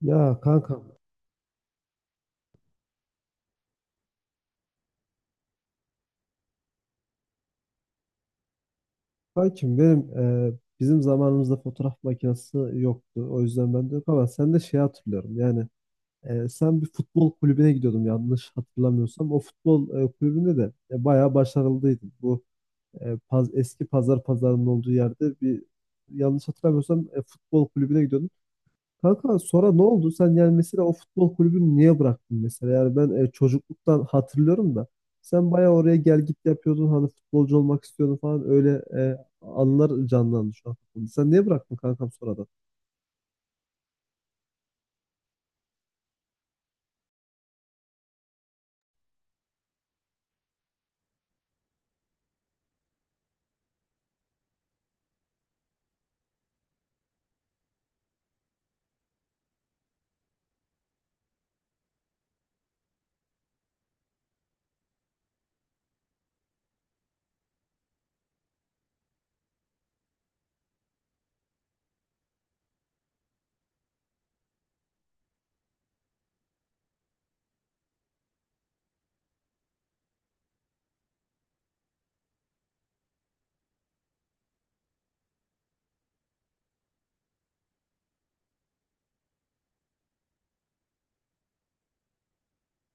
Ya kanka, kankim benim e, bizim zamanımızda fotoğraf makinesi yoktu. O yüzden ben de yok ama sen de şey hatırlıyorum. Yani sen bir futbol kulübüne gidiyordum yanlış hatırlamıyorsam. O futbol kulübünde de bayağı başarılıydın. Bu eski pazar pazarının olduğu yerde bir yanlış hatırlamıyorsam futbol kulübüne gidiyordun. Kanka sonra ne oldu? Sen yani mesela o futbol kulübünü niye bıraktın mesela? Yani ben çocukluktan hatırlıyorum da sen bayağı oraya gel git yapıyordun hani futbolcu olmak istiyordun falan öyle anılar canlandı şu an kafamda. Sen niye bıraktın kankam sonradan?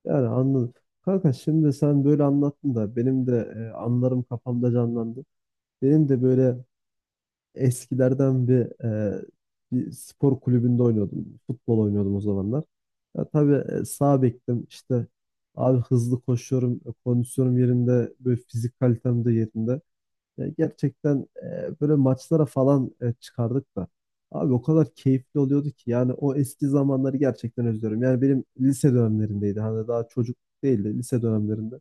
Yani anladım. Kanka şimdi sen böyle anlattın da benim de anılarım kafamda canlandı. Benim de böyle eskilerden bir, bir spor kulübünde oynuyordum. Futbol oynuyordum o zamanlar. Ya tabii sağ bektim. İşte abi hızlı koşuyorum, kondisyonum yerinde, böyle fizik kalitem de yerinde. Ya gerçekten böyle maçlara falan çıkardık da. Abi o kadar keyifli oluyordu ki yani o eski zamanları gerçekten özlüyorum. Yani benim lise dönemlerindeydi. Hani daha çocuk değildi lise dönemlerinde.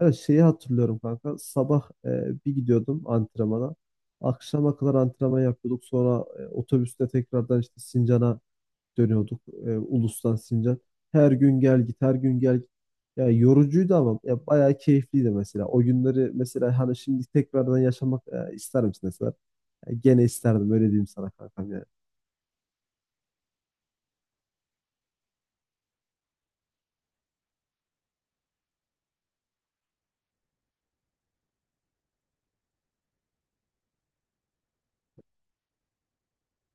Ya şeyi hatırlıyorum kanka. Sabah bir gidiyordum antrenmana. Akşama kadar antrenman yapıyorduk. Sonra otobüste tekrardan işte Sincan'a dönüyorduk Ulus'tan Sincan. Her gün gel git, her gün gel git. Ya yorucuydu ama ya bayağı keyifliydi mesela. O günleri mesela hani şimdi tekrardan yaşamak ister misin mesela? Ya gene isterdim öyle diyeyim sana kankam yani.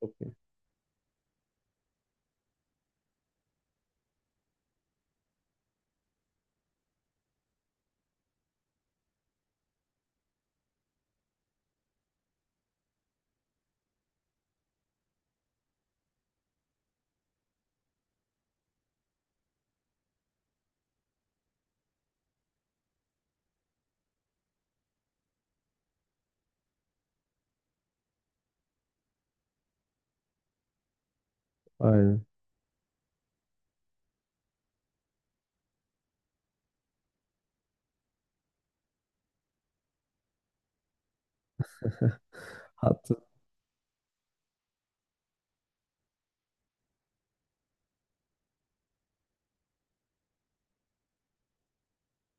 Okey. Aynen. Hatta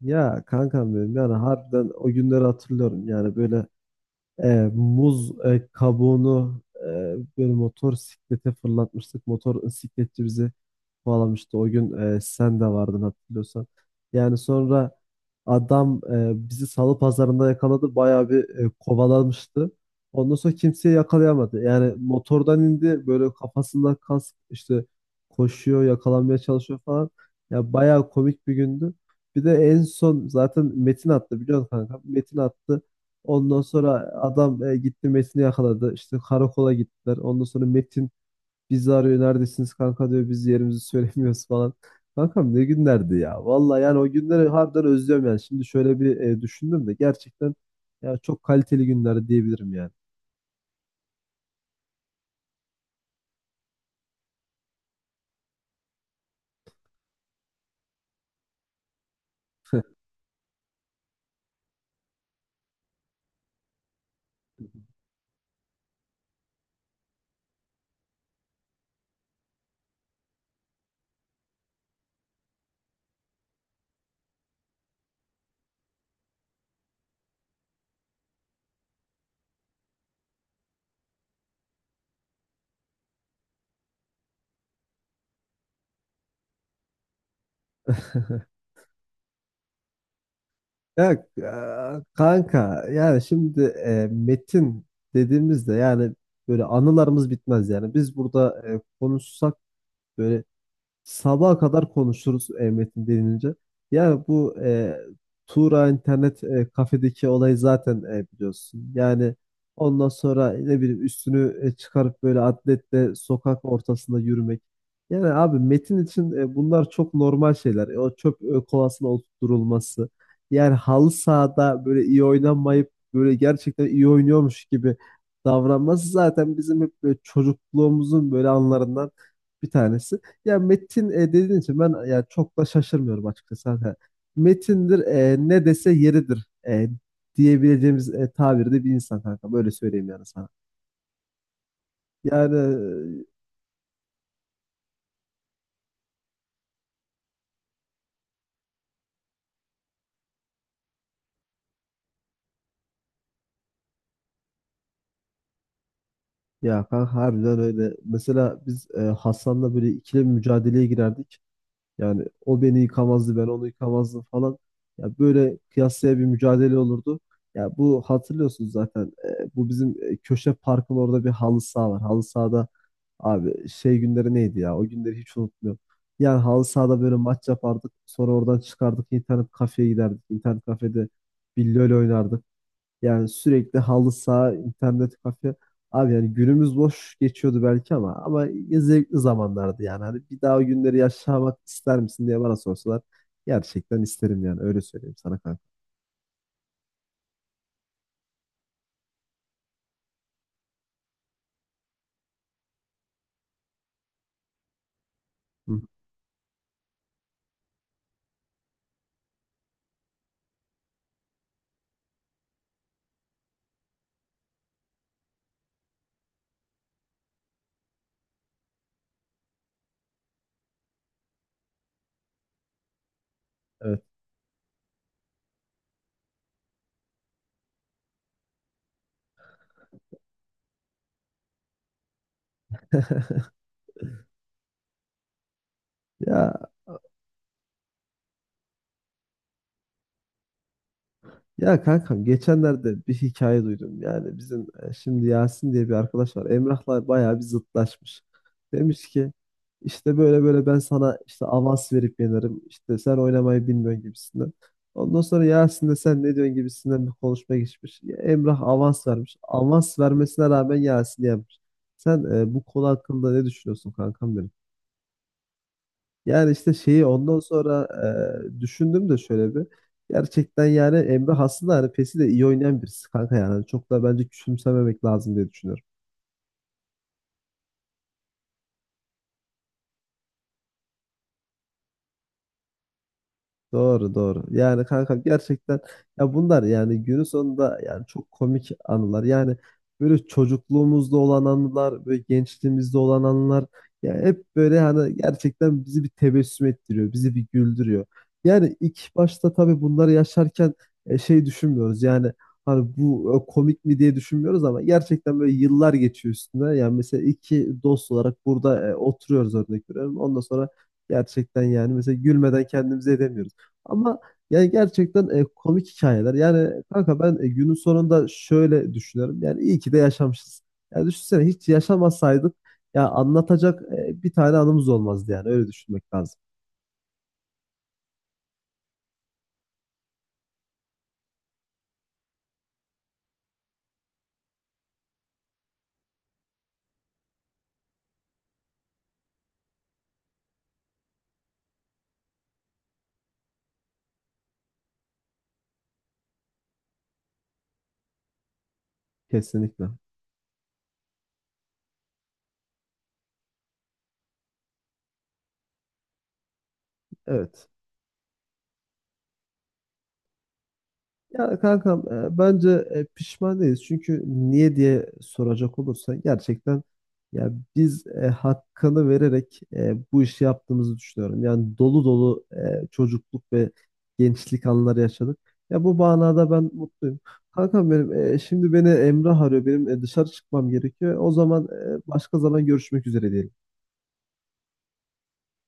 ya kankam benim yani harbiden o günleri hatırlıyorum. Yani böyle E, muz kabuğunu böyle motor siklete fırlatmıştık. Motor sikletçi bizi kovalamıştı. O gün sen de vardın hatırlıyorsan. Yani sonra adam bizi salı pazarında yakaladı. Bayağı bir kovalamıştı. Ondan sonra kimseye yakalayamadı. Yani motordan indi, böyle kafasından kask, işte koşuyor yakalanmaya çalışıyor falan. Ya bayağı komik bir gündü. Bir de en son zaten Metin attı biliyorsun kanka. Metin attı. Ondan sonra adam gitti Metin'i yakaladı. İşte karakola gittiler. Ondan sonra Metin bizi arıyor. Neredesiniz kanka diyor. Biz yerimizi söylemiyoruz falan. Kankam ne günlerdi ya. Vallahi yani o günleri harbiden özlüyorum yani. Şimdi şöyle bir düşündüm de gerçekten ya çok kaliteli günler diyebilirim yani. Ya kanka yani şimdi metin dediğimizde yani böyle anılarımız bitmez yani. Biz burada konuşsak böyle sabaha kadar konuşuruz metin denilince. Yani bu Tuğra internet kafedeki olayı zaten biliyorsun. Yani ondan sonra ne bileyim üstünü çıkarıp böyle atletle sokak ortasında yürümek. Yani abi metin için bunlar çok normal şeyler. E, o çöp kovasına oturtulması. Yani halı sahada böyle iyi oynanmayıp böyle gerçekten iyi oynuyormuş gibi davranması zaten bizim hep böyle çocukluğumuzun böyle anlarından bir tanesi. Ya Metin dediğin için ben ya çok da şaşırmıyorum açıkçası. Hani Metindir ne dese yeridir diyebileceğimiz tabirde bir insan kanka. Böyle söyleyeyim yani sana. Yani ya kanka harbiden öyle. Mesela biz Hasan'la böyle ikili bir mücadeleye girerdik. Yani o beni yıkamazdı, ben onu yıkamazdım falan. Ya böyle kıyasıya bir mücadele olurdu. Ya bu hatırlıyorsunuz zaten. Bu bizim köşe parkın orada bir halı saha var. Halı sahada abi şey günleri neydi ya? O günleri hiç unutmuyorum. Yani halı sahada böyle maç yapardık. Sonra oradan çıkardık, internet kafeye giderdik. İnternet kafede bir LoL oynardık. Yani sürekli halı saha, internet kafe. Abi yani günümüz boş geçiyordu belki ama ya zevkli zamanlardı yani. Hani bir daha o günleri yaşamak ister misin diye bana sorsalar gerçekten isterim yani öyle söyleyeyim sana kanka. Hı, evet. Ya Ya kankam geçenlerde bir hikaye duydum. Yani bizim şimdi Yasin diye bir arkadaş var. Emrah'la bayağı bir zıtlaşmış. Demiş ki işte böyle ben sana işte avans verip yenerim. İşte sen oynamayı bilmiyorsun gibisinden. Ondan sonra Yasin de sen ne diyorsun gibisinden bir konuşma geçmiş. Ya Emrah avans vermiş. Avans vermesine rağmen Yasin yenmiş. Sen bu konu hakkında ne düşünüyorsun kankam benim? Yani işte şeyi ondan sonra düşündüm de şöyle bir. Gerçekten yani Emre aslında hani PES'i de iyi oynayan birisi kanka yani. Hani çok da bence küçümsememek lazım diye düşünüyorum. Doğru doğru. Yani kanka gerçekten ya bunlar yani günün sonunda yani çok komik anılar. Yani böyle çocukluğumuzda olan anılar, böyle gençliğimizde olan anılar ya hep böyle hani gerçekten bizi bir tebessüm ettiriyor, bizi bir güldürüyor. Yani ilk başta tabii bunları yaşarken şey düşünmüyoruz. Yani hani bu komik mi diye düşünmüyoruz ama gerçekten böyle yıllar geçiyor üstüne. Yani mesela iki dost olarak burada oturuyoruz örnek veriyorum. Ondan sonra gerçekten yani mesela gülmeden kendimize edemiyoruz. Ama yani gerçekten komik hikayeler. Yani kanka ben günün sonunda şöyle düşünüyorum. Yani iyi ki de yaşamışız. Yani düşünsene hiç yaşamasaydık ya anlatacak bir tane anımız olmazdı yani. Öyle düşünmek lazım. Kesinlikle. Evet. Ya kankam bence pişman değiliz. Çünkü niye diye soracak olursan gerçekten ya biz hakkını vererek bu işi yaptığımızı düşünüyorum. Yani dolu dolu çocukluk ve gençlik anları yaşadık. Ya bu manada ben mutluyum. Kankam benim şimdi beni Emrah arıyor. Benim dışarı çıkmam gerekiyor. O zaman başka zaman görüşmek üzere diyelim.